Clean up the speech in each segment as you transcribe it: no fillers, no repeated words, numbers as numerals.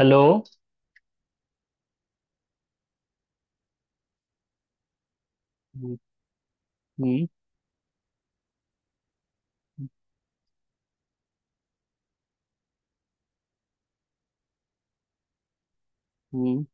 Hello. हम्म। हम्म। हम्म।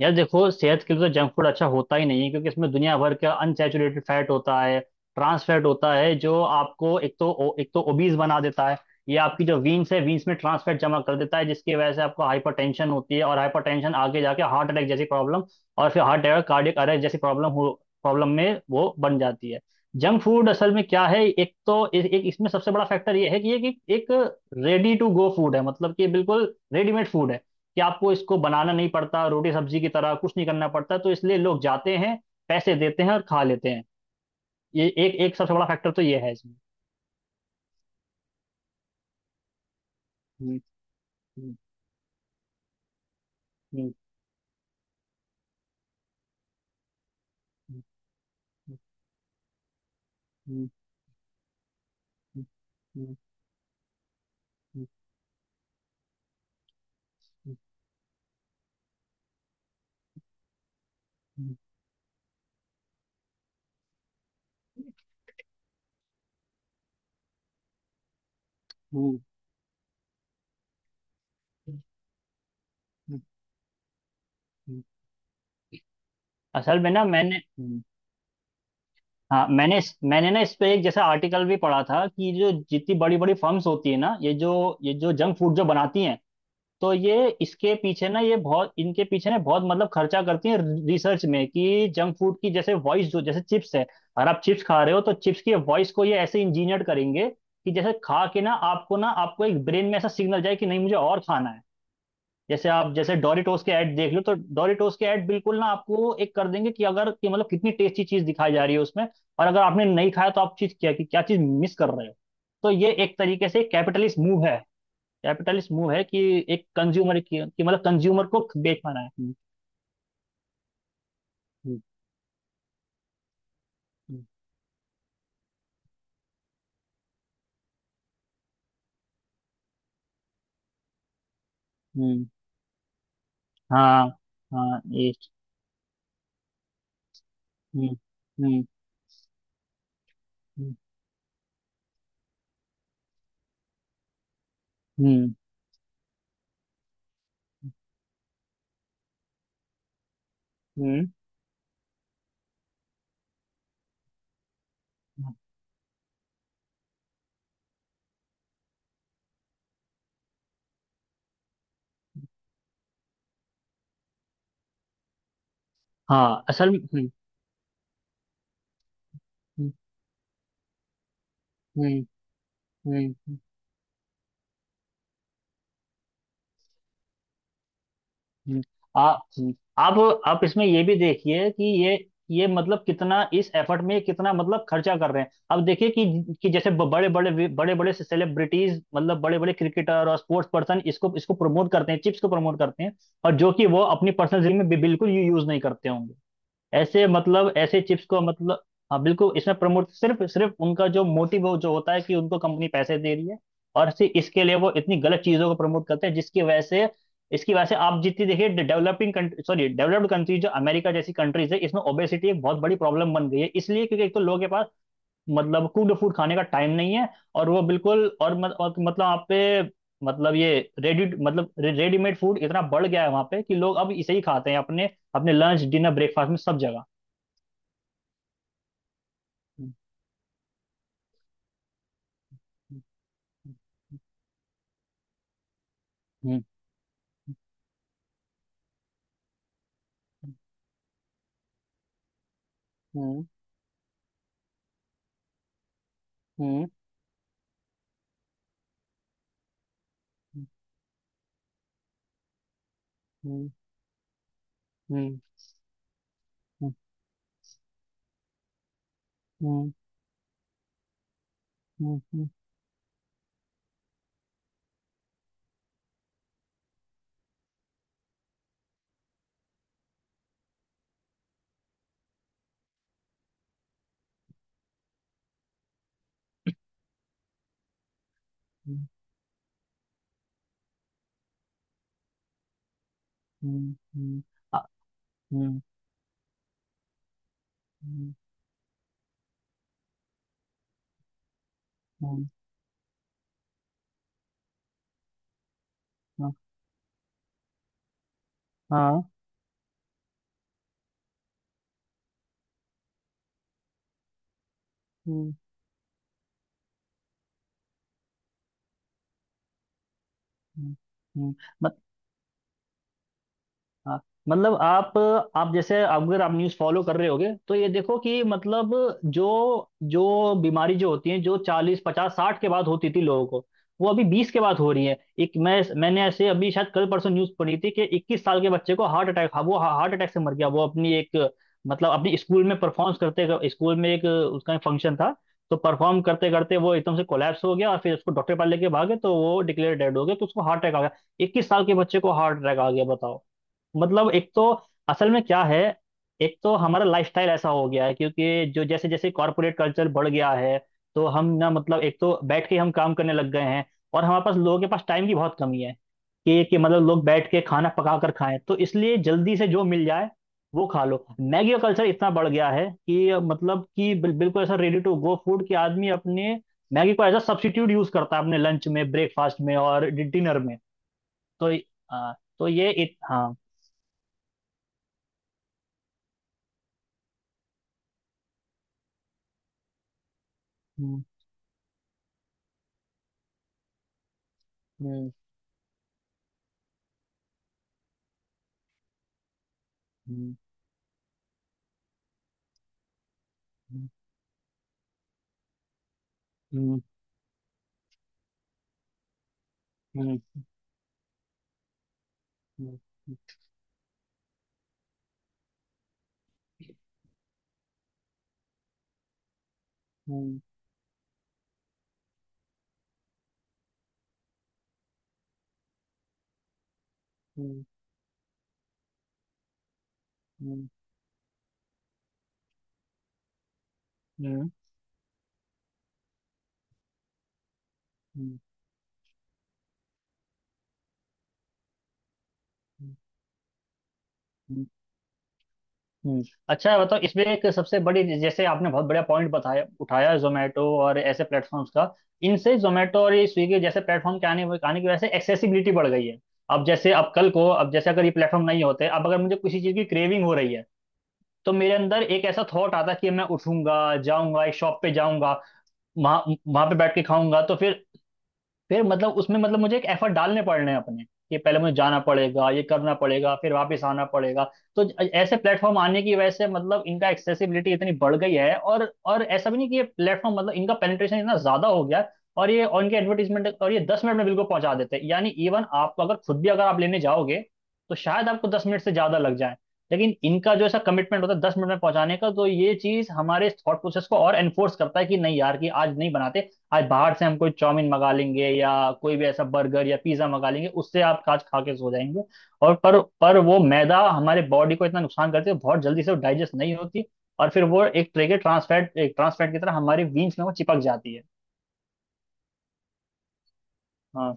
यार देखो, सेहत के लिए तो जंक फूड अच्छा होता ही नहीं है, क्योंकि इसमें दुनिया भर का अनसैचुरेटेड फैट होता है। ट्रांस फैट होता है जो आपको एक तो ओबीज बना देता है। ये आपकी जो वीन्स है, वीन्स में ट्रांस फैट जमा कर देता है, जिसकी वजह से आपको हाइपरटेंशन होती है, और हाइपरटेंशन आगे जाके हार्ट अटैक जैसी प्रॉब्लम, और फिर हार्ट अटैक कार्डियक अरेस्ट जैसी प्रॉब्लम हो, प्रॉब्लम में वो बन जाती है। जंक फूड असल में क्या है, एक तो एक इसमें सबसे बड़ा फैक्टर ये है कि ये कि एक रेडी टू गो फूड है, मतलब कि बिल्कुल रेडीमेड फूड है। कि आपको इसको बनाना नहीं पड़ता, रोटी सब्जी की तरह कुछ नहीं करना पड़ता, तो इसलिए लोग जाते हैं, पैसे देते हैं और खा लेते हैं। ये एक एक सबसे बड़ा फैक्टर तो ये है इसमें। हम्म, हम्म, हम्म, हम्म, हम्म, हम्म, हम्म, हम्म, हम्म, हम्म, हम्म, हम्म। असल में ना मैंने हम्म। हाँ मैंने मैंने ना इस पे एक जैसा आर्टिकल भी पढ़ा था कि जो जितनी बड़ी बड़ी फर्म्स होती है ना, ये जो जंक फूड जो बनाती हैं, तो ये इसके पीछे ना, ये बहुत इनके पीछे ना बहुत मतलब खर्चा करती है रिसर्च में। कि जंक फूड की जैसे वॉइस, जो जैसे चिप्स है, अगर आप चिप्स खा रहे हो, तो चिप्स की वॉइस को ये ऐसे इंजीनियर करेंगे कि जैसे खा के ना आपको एक ब्रेन में ऐसा सिग्नल जाए कि नहीं, मुझे और खाना है। जैसे आप जैसे डोरिटोस के ऐड देख लो, तो डोरिटोस के ऐड बिल्कुल ना आपको एक कर देंगे कि अगर कि मतलब कितनी टेस्टी चीज दिखाई जा रही है उसमें। और अगर आपने नहीं खाया तो आप चीज क्या कि क्या चीज मिस कर रहे हो। तो ये एक तरीके से कैपिटलिस्ट मूव है। कैपिटलिस्ट मूव है कि एक कंज्यूमर की, कि मतलब कंज्यूमर को बेचना है। हम्म। हम्म। हम्म, हम्म, हाँ। हाँ ये हम्म। हम्म। हम्म। हम्म। हम्म, हाँ असल में हम्म। हम्म। हम्म। हम्म, आ, हम्म, आप आप इसमें ये भी देखिए कि ये मतलब कितना इस एफर्ट में कितना मतलब खर्चा कर रहे हैं। अब देखिए कि जैसे बड़े बड़े बड़े बड़े सेलिब्रिटीज, मतलब बड़े बड़े क्रिकेटर और स्पोर्ट्स पर्सन इसको इसको प्रमोट करते हैं, चिप्स को प्रमोट करते हैं, और जो कि वो अपनी पर्सनल जिंदगी में भी बिल्कुल यूज नहीं करते होंगे ऐसे, मतलब ऐसे चिप्स को, मतलब हाँ बिल्कुल इसमें प्रमोट सिर्फ सिर्फ उनका जो मोटिव हो, जो होता है कि उनको कंपनी पैसे दे रही है। और सिर्फ इसके लिए वो इतनी गलत चीजों को प्रमोट करते हैं जिसकी वजह से, इसकी वजह से आप जितनी देखिए developing country, sorry developed country, जो अमेरिका जैसी कंट्रीज है, इसमें ओबेसिटी एक बहुत बड़ी प्रॉब्लम बन गई है, इसलिए क्योंकि एक तो लोगों के पास मतलब कुड फूड खाने का टाइम नहीं है। और वो बिल्कुल और, मत, और मतलब आप पे, मतलब ये रेडी, मतलब रेडीमेड फूड इतना बढ़ गया है वहां पे कि लोग अब इसे ही खाते हैं अपने, अपने लंच डिनर ब्रेकफास्ट में सब जगह। हम्म, हम्म, हम्म, हम्म, हम्म, हम्म, हम्म, हम्म, हम्म, हम्म, हम्म, हम्म, आ- हम्म, हम्म, हम्म, हाँ हम्म, हम्म, हम्म। हाँ मतलब आप जैसे अगर आप न्यूज़ फॉलो कर रहे होगे, तो ये देखो कि मतलब जो, जो बीमारी, जो होती है, जो 40 50 60 के बाद होती थी लोगों को, वो अभी 20 के बाद हो रही है। एक मैं, मैंने ऐसे अभी शायद कल परसों न्यूज़ पढ़ी थी कि 21 साल के बच्चे को हार्ट अटैक, वो हार्ट अटैक से मर गया, वो अपनी एक, मतलब अपने स्कूल में परफॉर्म करते, स्कूल में एक उसका फंक्शन था, तो परफॉर्म करते करते वो एकदम से कोलैप्स हो गया, और फिर उसको डॉक्टर पास लेके भागे, तो वो डिक्लेयर डेड हो गया, तो उसको हार्ट अटैक आ गया। 21 साल के बच्चे को हार्ट अटैक आ गया, बताओ। मतलब एक तो, असल में क्या है, एक तो हमारा लाइफस्टाइल ऐसा हो गया है, क्योंकि जो जैसे जैसे कॉरपोरेट कल्चर बढ़ गया है, तो हम ना मतलब एक तो बैठ के हम काम करने लग गए हैं, और हमारे पास लोगों के पास टाइम की बहुत कमी है। कि मतलब लोग बैठ के खाना पका कर खाएं, तो इसलिए जल्दी से जो मिल जाए वो खा लो। मैगी का कल्चर इतना बढ़ गया है कि मतलब कि बिल्कुल ऐसा रेडी टू गो फूड कि आदमी अपने मैगी को एज अ सब्स्टिट्यूट यूज करता है अपने लंच में, ब्रेकफास्ट में और डिनर में। तो अ, तो हाँ हम्म। हम्म। हम्म। हम्म। हम्म। हम्म। हम्म। हम्म। हम्म। हम्म। हम्म। हम्म, हम्म। अच्छा बताओ, इसमें एक सबसे बड़ी, जैसे आपने बहुत बढ़िया पॉइंट बताया, उठाया जोमेटो और ऐसे प्लेटफॉर्म्स का। इनसे, जोमेटो और ये स्विगी जैसे प्लेटफॉर्म के आने आने की वजह से एक्सेसिबिलिटी बढ़ गई है। अब जैसे अब कल को, अब जैसे अगर ये प्लेटफॉर्म नहीं होते, अब अगर मुझे किसी चीज़ की क्रेविंग हो रही है, तो मेरे अंदर एक ऐसा थॉट आता कि मैं उठूंगा, जाऊंगा, एक शॉप पे जाऊंगा, वहां वहां पे बैठ के खाऊंगा। तो फिर मतलब उसमें, मतलब मुझे एक एफर्ट डालने पड़ रहे हैं अपने, कि पहले मुझे जाना पड़ेगा, ये करना पड़ेगा, फिर वापस आना पड़ेगा। तो ऐसे प्लेटफॉर्म आने की वजह से मतलब इनका एक्सेसिबिलिटी इतनी बढ़ गई है, और ऐसा भी नहीं कि ये प्लेटफॉर्म मतलब इनका पेनिट्रेशन इतना ज्यादा हो गया है, और ये, और इनके एडवर्टीजमेंट, और ये 10 मिनट में बिल्कुल पहुंचा देते हैं, यानी इवन आपको अगर खुद भी अगर आप लेने जाओगे, तो शायद आपको 10 मिनट से ज्यादा लग जाए। लेकिन इनका जो ऐसा कमिटमेंट होता है 10 मिनट में पहुंचाने का, तो ये चीज हमारे थॉट प्रोसेस को और एनफोर्स करता है कि नहीं यार कि आज नहीं बनाते, आज बाहर से हम कोई चाउमीन मंगा लेंगे, या कोई भी ऐसा बर्गर या पिज्जा मंगा लेंगे, उससे आप आज खा के सो जाएंगे। और पर वो मैदा हमारे बॉडी को इतना नुकसान करती है, बहुत जल्दी से वो डाइजेस्ट नहीं होती। और फिर वो एक तरह के ट्रांसफैट, एक ट्रांसफैट की तरह हमारे वीन्स में वो चिपक जाती है। हाँ,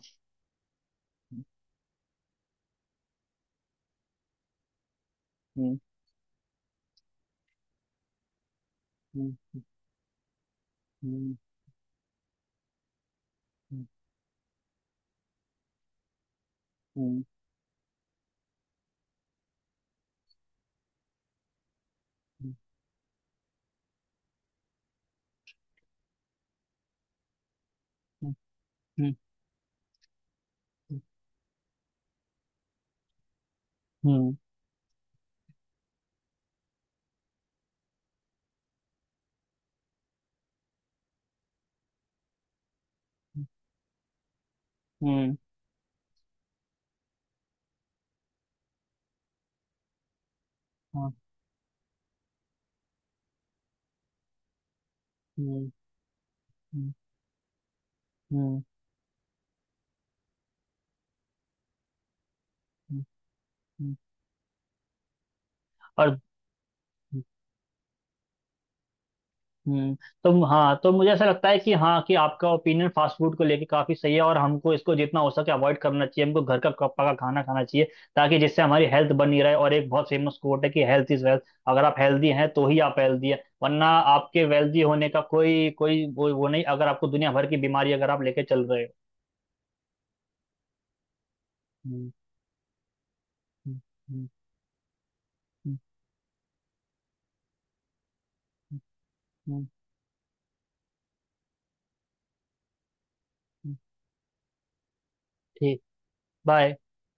हम्म, हम्म, हम्म, हम्म, हम्म, हम्म, हम्म, हम्म, हम्म, हम्म, हम्म, हम्म, हम्म, हम्म, हम्म। और हम्म। तो हाँ, तो मुझे ऐसा लगता है कि हाँ कि आपका ओपिनियन फास्ट फूड को लेके काफी सही है, और हमको इसको जितना हो सके अवॉइड करना चाहिए, हमको घर का पका खाना खाना चाहिए, ताकि जिससे हमारी हेल्थ बनी रहे। और एक बहुत फेमस कोट है कि हेल्थ इज वेल्थ। अगर आप हेल्दी हैं, तो ही आप हेल्दी है, वरना आपके वेल्दी होने का कोई कोई वो नहीं, अगर आपको दुनिया भर की बीमारी अगर आप लेके चल रहे हो। हम्म, हम्म, हम्म, हम्म, हम्म, हम्म, ठीक। बाय।